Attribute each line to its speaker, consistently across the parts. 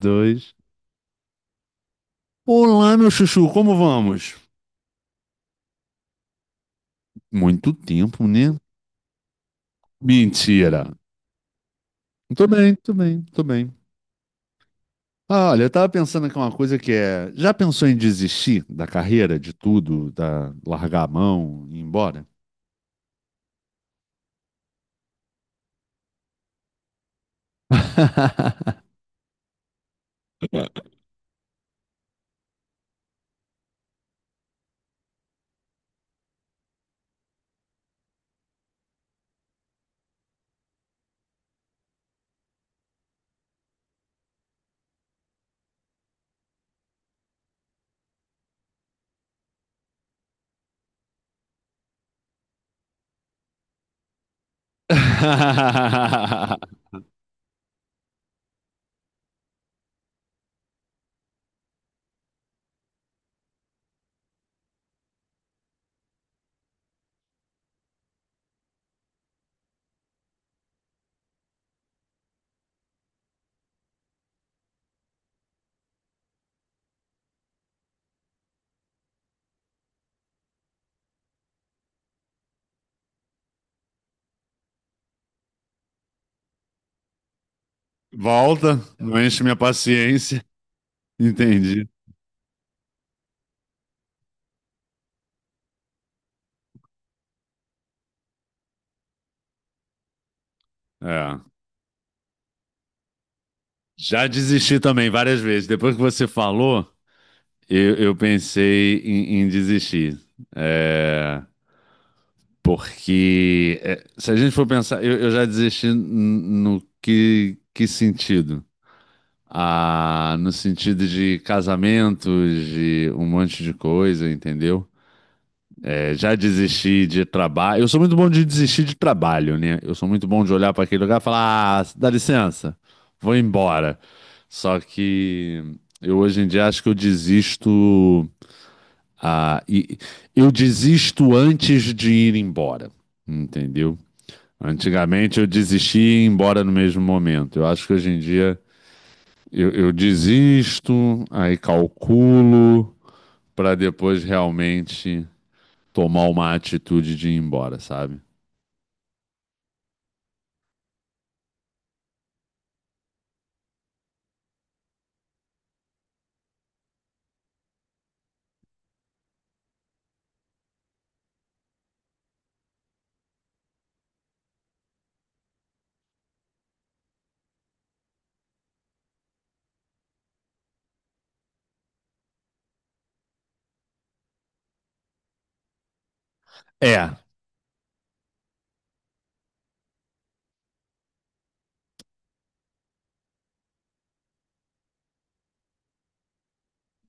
Speaker 1: Dois. Olá, meu chuchu, como vamos? Muito tempo, né? Mentira. Tô bem, tô bem, tô bem. Ah, olha, eu tava pensando aqui uma coisa que é. Já pensou em desistir da carreira, de tudo, da largar a mão e ir embora? Volta, não enche minha paciência. Entendi. É. Já desisti também várias vezes. Depois que você falou, eu pensei em desistir. É, Porque se a gente for pensar, eu já desisti no que sentido? Ah, no sentido de casamentos, de um monte de coisa, entendeu? É, já desisti de trabalho. Eu sou muito bom de desistir de trabalho, né? Eu sou muito bom de olhar para aquele lugar e falar: ah, dá licença, vou embora. Só que eu hoje em dia acho que eu desisto. Ah, e, eu desisto antes de ir embora, entendeu? Antigamente eu desistia e ia embora no mesmo momento. Eu acho que hoje em dia eu desisto, aí calculo para depois realmente tomar uma atitude de ir embora, sabe? É.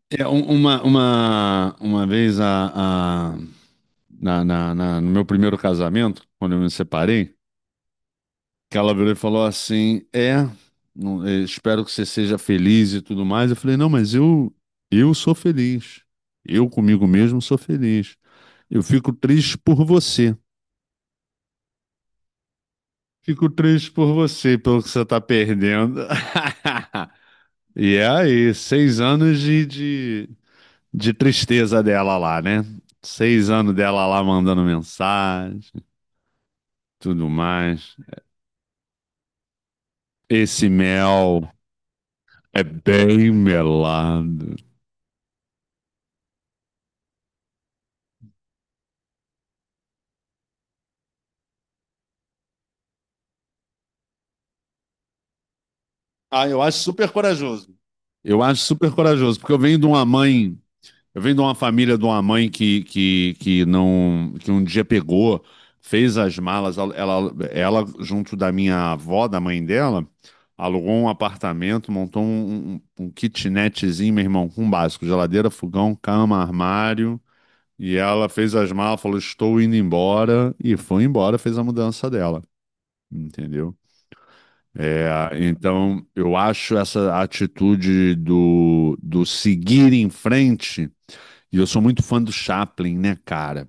Speaker 1: É, uma vez no meu primeiro casamento, quando eu me separei, que ela virou e falou assim: É, espero que você seja feliz e tudo mais. Eu falei: Não, mas eu sou feliz. Eu comigo mesmo sou feliz. Eu fico triste por você. Fico triste por você, pelo que você tá perdendo. E é aí, 6 anos de tristeza dela lá, né? 6 anos dela lá mandando mensagem, tudo mais. Esse mel é bem melado. Ah, eu acho super corajoso. Eu acho super corajoso, porque eu venho de uma mãe. Eu venho de uma família de uma mãe que não que um dia pegou, fez as malas, junto da minha avó, da mãe dela, alugou um apartamento, montou um kitnetzinho, meu irmão, com um básico, geladeira, fogão, cama, armário, e ela fez as malas, falou, estou indo embora, e foi embora, fez a mudança dela, entendeu? É, então, eu acho essa atitude do seguir em frente, e eu sou muito fã do Chaplin, né, cara?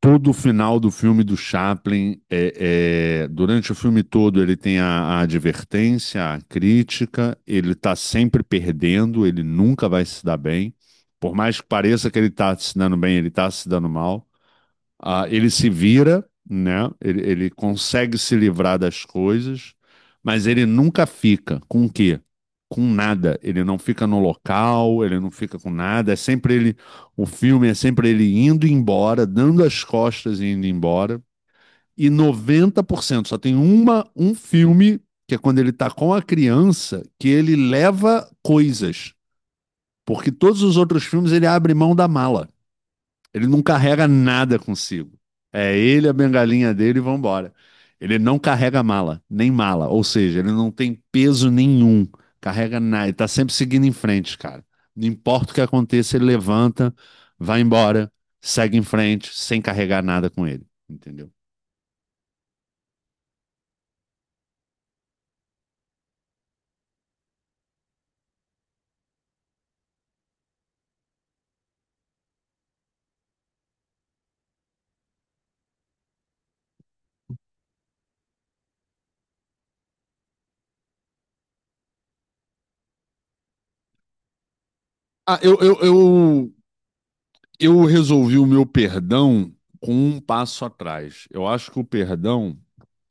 Speaker 1: Todo o final do filme do Chaplin, durante o filme todo, ele tem a advertência, a crítica, ele tá sempre perdendo, ele nunca vai se dar bem. Por mais que pareça que ele tá se dando bem, ele tá se dando mal. Ah, ele se vira, né? Ele consegue se livrar das coisas, mas ele nunca fica. Com o quê? Com nada. Ele não fica no local, ele não fica com nada. É sempre ele. O filme é sempre ele indo embora, dando as costas e indo embora. E 90% só tem uma, um filme, que é quando ele tá com a criança, que ele leva coisas. Porque todos os outros filmes ele abre mão da mala. Ele não carrega nada consigo. É ele, a bengalinha dele e vambora. Ele não carrega mala, nem mala. Ou seja, ele não tem peso nenhum. Carrega nada. Ele tá sempre seguindo em frente, cara. Não importa o que aconteça, ele levanta, vai embora, segue em frente, sem carregar nada com ele. Entendeu? Ah, eu, eu, eu, eu resolvi o meu perdão com um passo atrás. Eu acho que o perdão,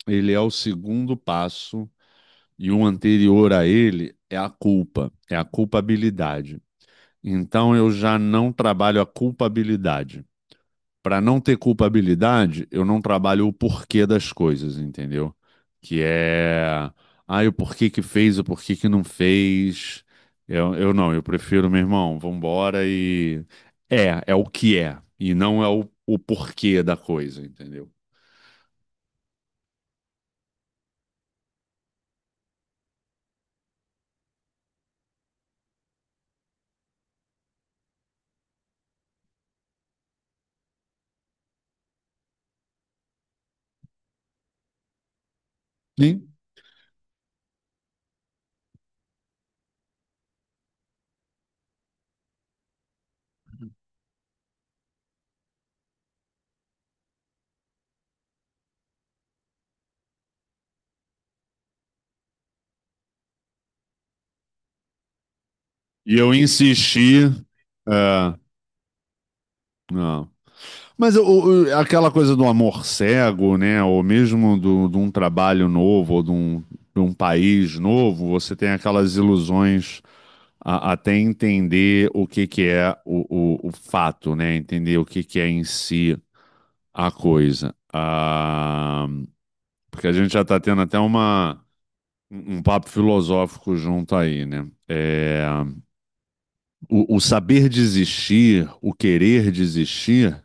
Speaker 1: ele é o segundo passo, e um anterior a ele é a culpa, é a culpabilidade. Então eu já não trabalho a culpabilidade. Para não ter culpabilidade, eu não trabalho o porquê das coisas, entendeu? Que é, ah, o porquê que fez, o porquê que não fez. Eu não, eu prefiro, meu irmão, vambora. É o que é, e não é o porquê da coisa, entendeu? Sim. E eu insisti. É, não. Aquela coisa do amor cego, né? Ou mesmo do, de um trabalho novo, ou de um país novo, você tem aquelas ilusões até entender o que que é o fato, né? Entender o que que é em si a coisa. Ah, porque a gente já está tendo até um um papo filosófico junto aí, né? É, o saber desistir, o querer desistir,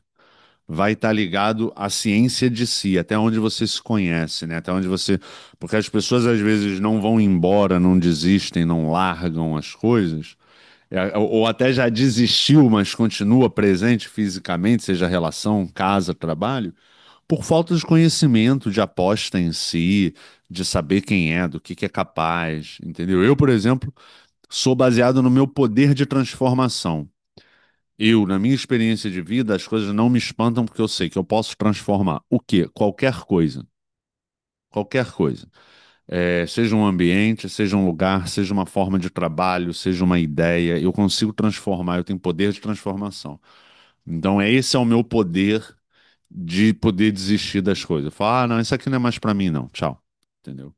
Speaker 1: vai estar ligado à ciência de si, até onde você se conhece, né? Até onde você. Porque as pessoas às vezes não vão embora, não desistem, não largam as coisas. É. Ou até já desistiu, mas continua presente fisicamente, seja relação, casa, trabalho, por falta de conhecimento, de aposta em si, de saber quem é, do que é capaz, entendeu? Eu, por exemplo, sou baseado no meu poder de transformação. Eu, na minha experiência de vida, as coisas não me espantam porque eu sei que eu posso transformar o quê? Qualquer coisa. Qualquer coisa. É, seja um ambiente, seja um lugar, seja uma forma de trabalho, seja uma ideia, eu consigo transformar, eu tenho poder de transformação. Então, esse é o meu poder de poder desistir das coisas. Eu falo, ah, não, isso aqui não é mais pra mim, não. Tchau. Entendeu?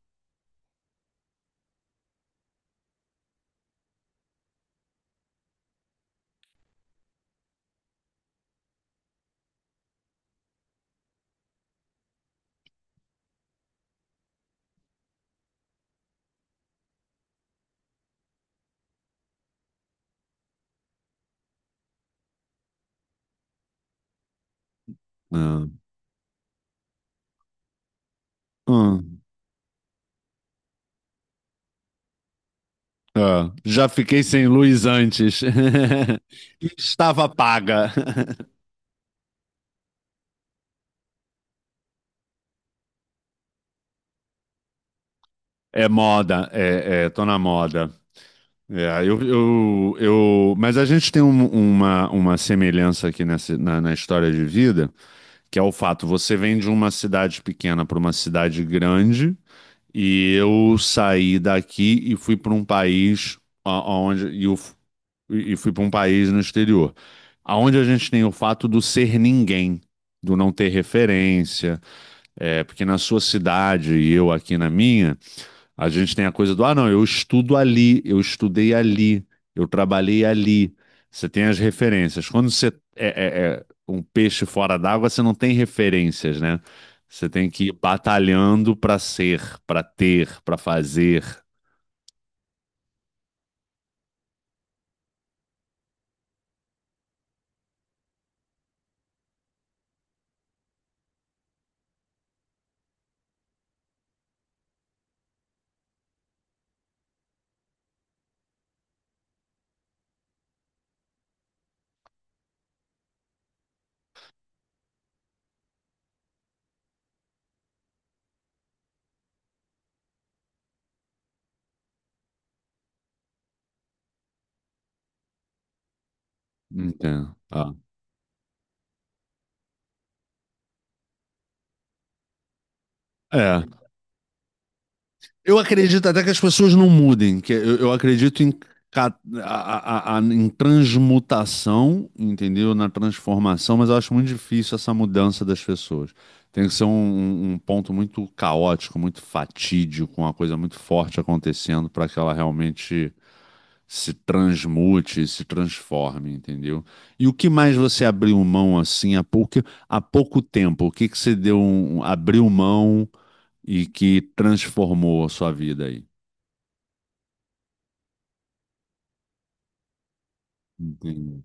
Speaker 1: Ah, ah, ah, já fiquei sem luz antes. Estava paga. É moda, tô na moda. É, mas a gente tem uma semelhança aqui nessa, na história de vida, que é o fato, você vem de uma cidade pequena para uma cidade grande, e eu saí daqui e fui para um país a- aonde e, eu f- e fui para um país no exterior, aonde a gente tem o fato do ser ninguém, do não ter referência, é, porque na sua cidade e eu aqui na minha, a gente tem a coisa do, ah, não, eu estudo ali, eu estudei ali, eu trabalhei ali. Você tem as referências. Quando você é um peixe fora d'água, você não tem referências, né? Você tem que ir batalhando para ser, para ter, para fazer. Entendo. Ah. É, eu acredito até que as pessoas não mudem, que eu acredito em, ca- em transmutação, entendeu? Na transformação, mas eu acho muito difícil essa mudança das pessoas. Tem que ser um ponto muito caótico, muito fatídico, uma coisa muito forte acontecendo para que ela realmente se transmute, se transforme, entendeu? E o que mais você abriu mão assim há pouco tempo? O que que você deu, abriu mão e que transformou a sua vida aí? Entendi.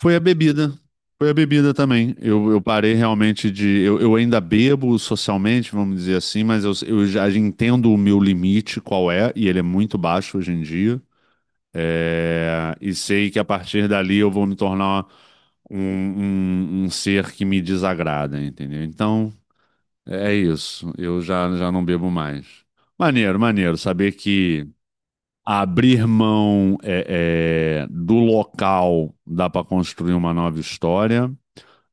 Speaker 1: Foi a bebida. Foi a bebida também. Eu parei realmente de. Eu ainda bebo socialmente, vamos dizer assim, mas eu já entendo o meu limite, qual é, e ele é muito baixo hoje em dia. É, e sei que a partir dali eu vou me tornar um ser que me desagrada, entendeu? Então, é isso. Já não bebo mais. Maneiro, maneiro. Saber que. Abrir mão é, do local dá para construir uma nova história,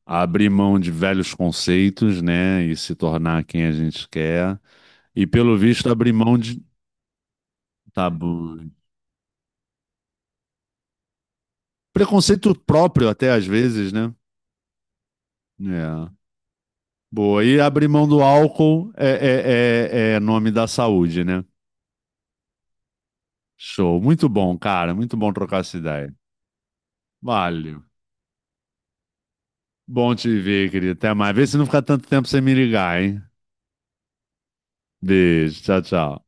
Speaker 1: abrir mão de velhos conceitos, né, e se tornar quem a gente quer, e pelo visto abrir mão de tabu, preconceito próprio até às vezes, né? É. Boa, e abrir mão do álcool é, é nome da saúde, né? Show, muito bom, cara, muito bom trocar essa ideia. Valeu. Bom te ver, querido. Até mais. Vê se não fica tanto tempo sem me ligar, hein? Beijo, tchau, tchau.